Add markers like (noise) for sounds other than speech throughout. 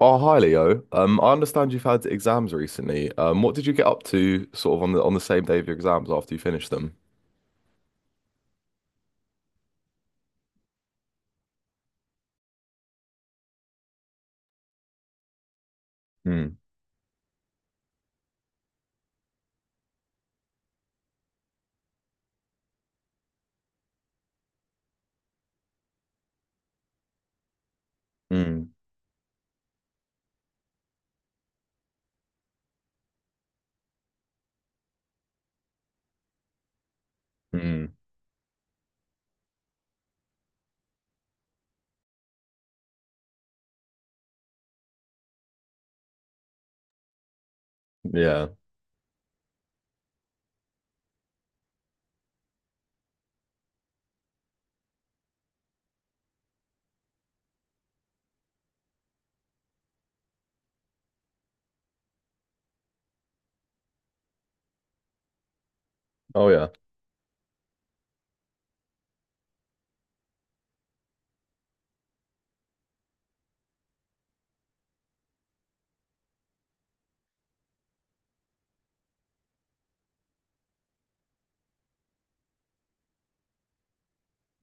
Oh, hi Leo. I understand you've had exams recently. What did you get up to sort of on the same day of your exams after you finished them? Mm. Mm. Mm. Yeah. Oh, yeah.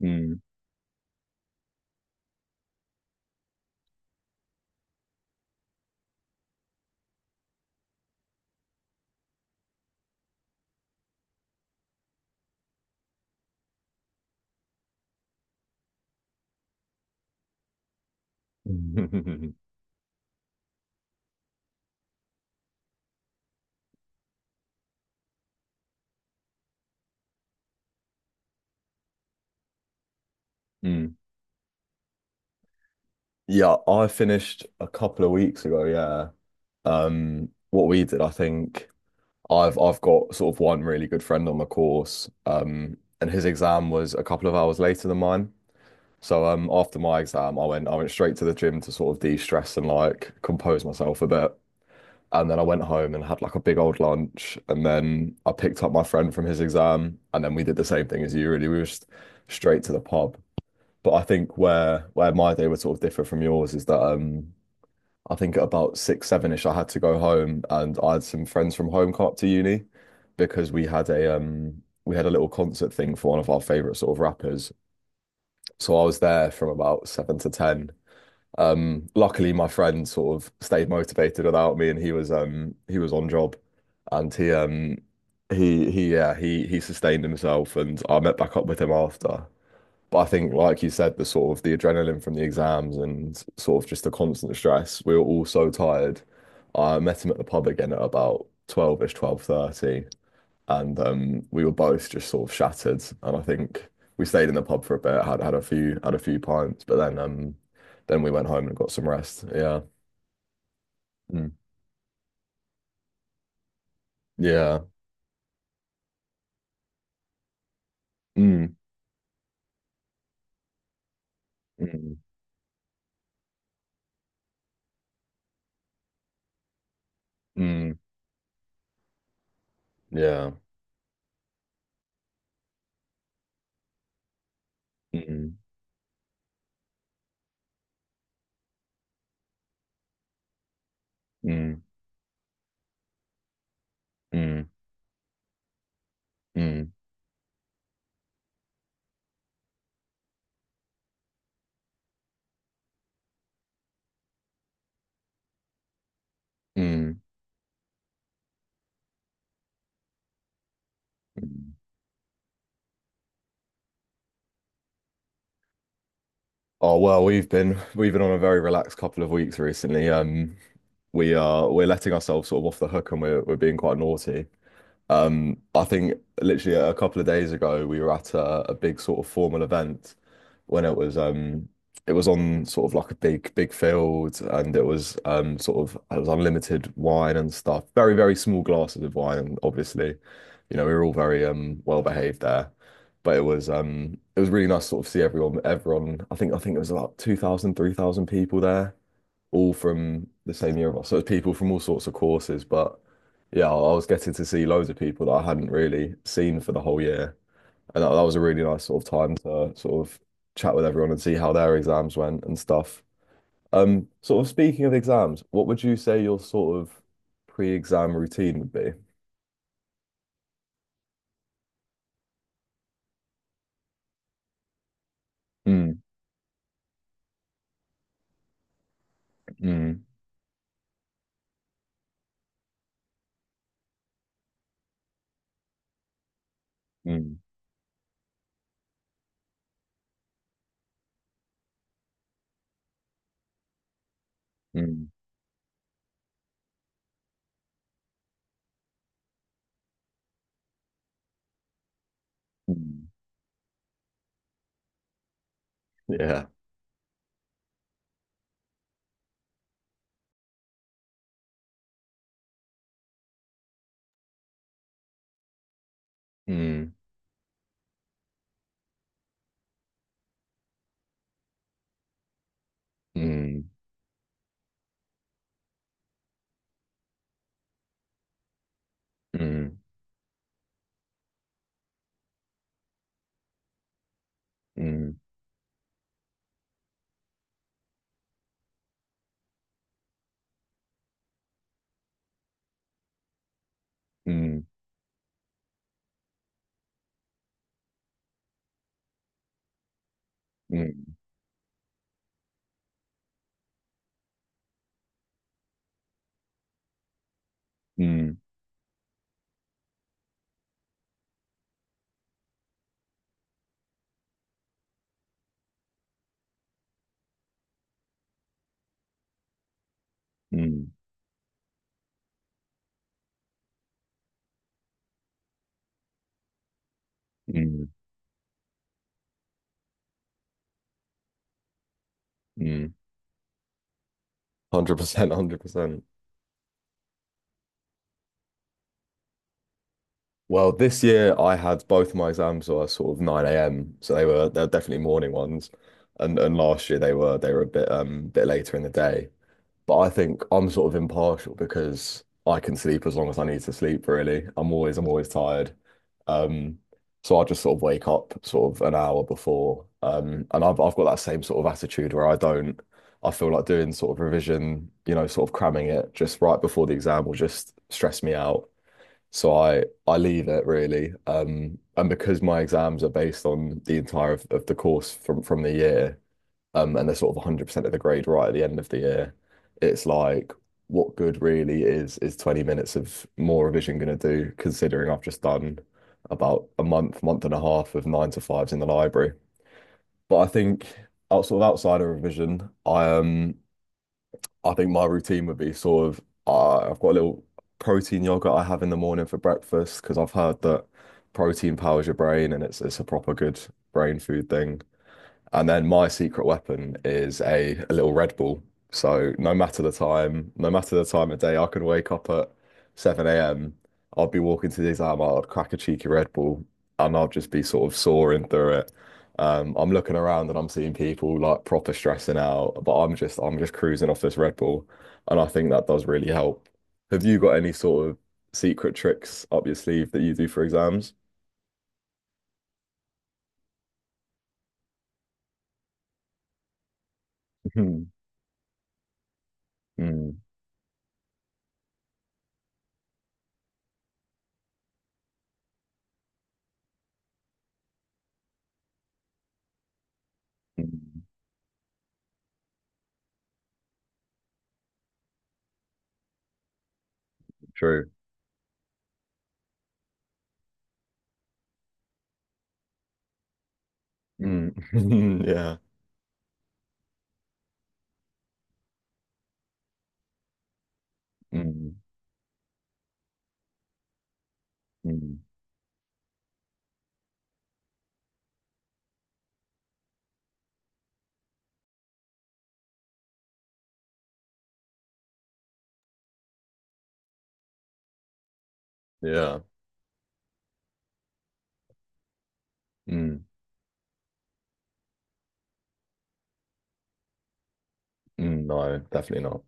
Mm. (laughs) Mm. Yeah, I finished a couple of weeks ago, yeah. What we did, I think I've got sort of one really good friend on the course, and his exam was a couple of hours later than mine. So after my exam I went straight to the gym to sort of de-stress and like compose myself a bit. And then I went home and had like a big old lunch. And then I picked up my friend from his exam. And then we did the same thing as you, really. We were just straight to the pub. But I think where my day would sort of differ from yours is that I think at about six, seven-ish, I had to go home and I had some friends from home come up to uni because we had a little concert thing for one of our favorite sort of rappers. So I was there from about seven to ten. Um, luckily, my friend sort of stayed motivated without me, and he was on job, and he sustained himself, and I met back up with him after. But I think, like you said, the sort of the adrenaline from the exams and sort of just the constant stress, we were all so tired. I met him at the pub again at about 12-ish, 12:30, and we were both just sort of shattered. And I think we stayed in the pub for a bit, had a few pints, but then we went home and got some rest. Yeah. Mm. Yeah. Mm. Mm. Mm. Yeah. Mm. Mm. Mm. Mm. Mm. Mm. Oh well, we've been on a very relaxed couple of weeks recently. We're letting ourselves sort of off the hook, and we're being quite naughty. I think literally a couple of days ago we were at a big sort of formal event when it was on sort of like a big big field and it was unlimited wine and stuff. Very, very small glasses of wine, and obviously, you know, we were all very well behaved there. But it was really nice to sort of see everyone. I think it was about 2,000, 3,000 people there, all from the same year of us. So it was people from all sorts of courses, but yeah, I was getting to see loads of people that I hadn't really seen for the whole year. And that was a really nice sort of time to sort of chat with everyone and see how their exams went and stuff. Sort of speaking of exams, what would you say your sort of pre-exam routine would be? Mm. Mm. Mm. Mm. Mm. Yeah. Mm. Mm. Mm. Mm. Mm. Mm. Mm. Mm. Mm. Mm. Mm. 100%, 100%. Well, this year I had both of my exams were sort of 9 a.m. So they're definitely morning ones. And last year they were a bit later in the day. But I think I'm sort of impartial because I can sleep as long as I need to sleep, really. I'm always tired. Um so I just sort of wake up sort of an hour before. And I've got that same sort of attitude where I don't, I feel like doing sort of revision, sort of cramming it just right before the exam will just stress me out. So I leave it really, and because my exams are based on the entire of the course from the year, and they're sort of 100% of the grade right at the end of the year, it's like what good really is 20 minutes of more revision going to do, considering I've just done about a month, month and a half of nine to fives in the library. But I think outside of revision, I think my routine would be I've got a little protein yogurt I have in the morning for breakfast because I've heard that protein powers your brain and it's a proper good brain food thing. And then my secret weapon is a little Red Bull. So no matter the time, no matter the time of day, I can wake up at 7 a.m. I'll be walking to the exam, I'll crack a cheeky Red Bull and I'll just be sort of soaring through it. I'm looking around and I'm seeing people like proper stressing out, but I'm just cruising off this Red Bull. And I think that does really help. Have you got any sort of secret tricks up your sleeve that you do for exams? (laughs) Mm. Mm. True. Mm. (laughs) Yeah. Mm. Mm. Yeah. Mm. Mm. No, definitely not.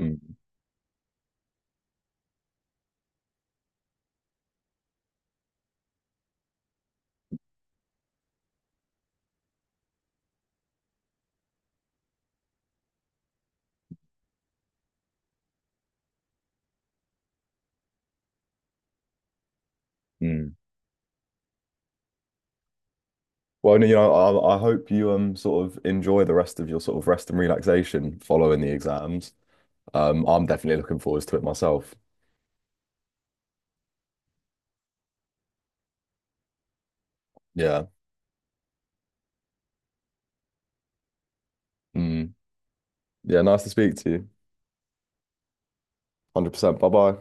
Mm. Mm. Well, I hope you sort of enjoy the rest of your sort of rest and relaxation following the exams. I'm definitely looking forward to it myself. Yeah. Mm. Yeah, nice to speak to you. 100%. Bye bye.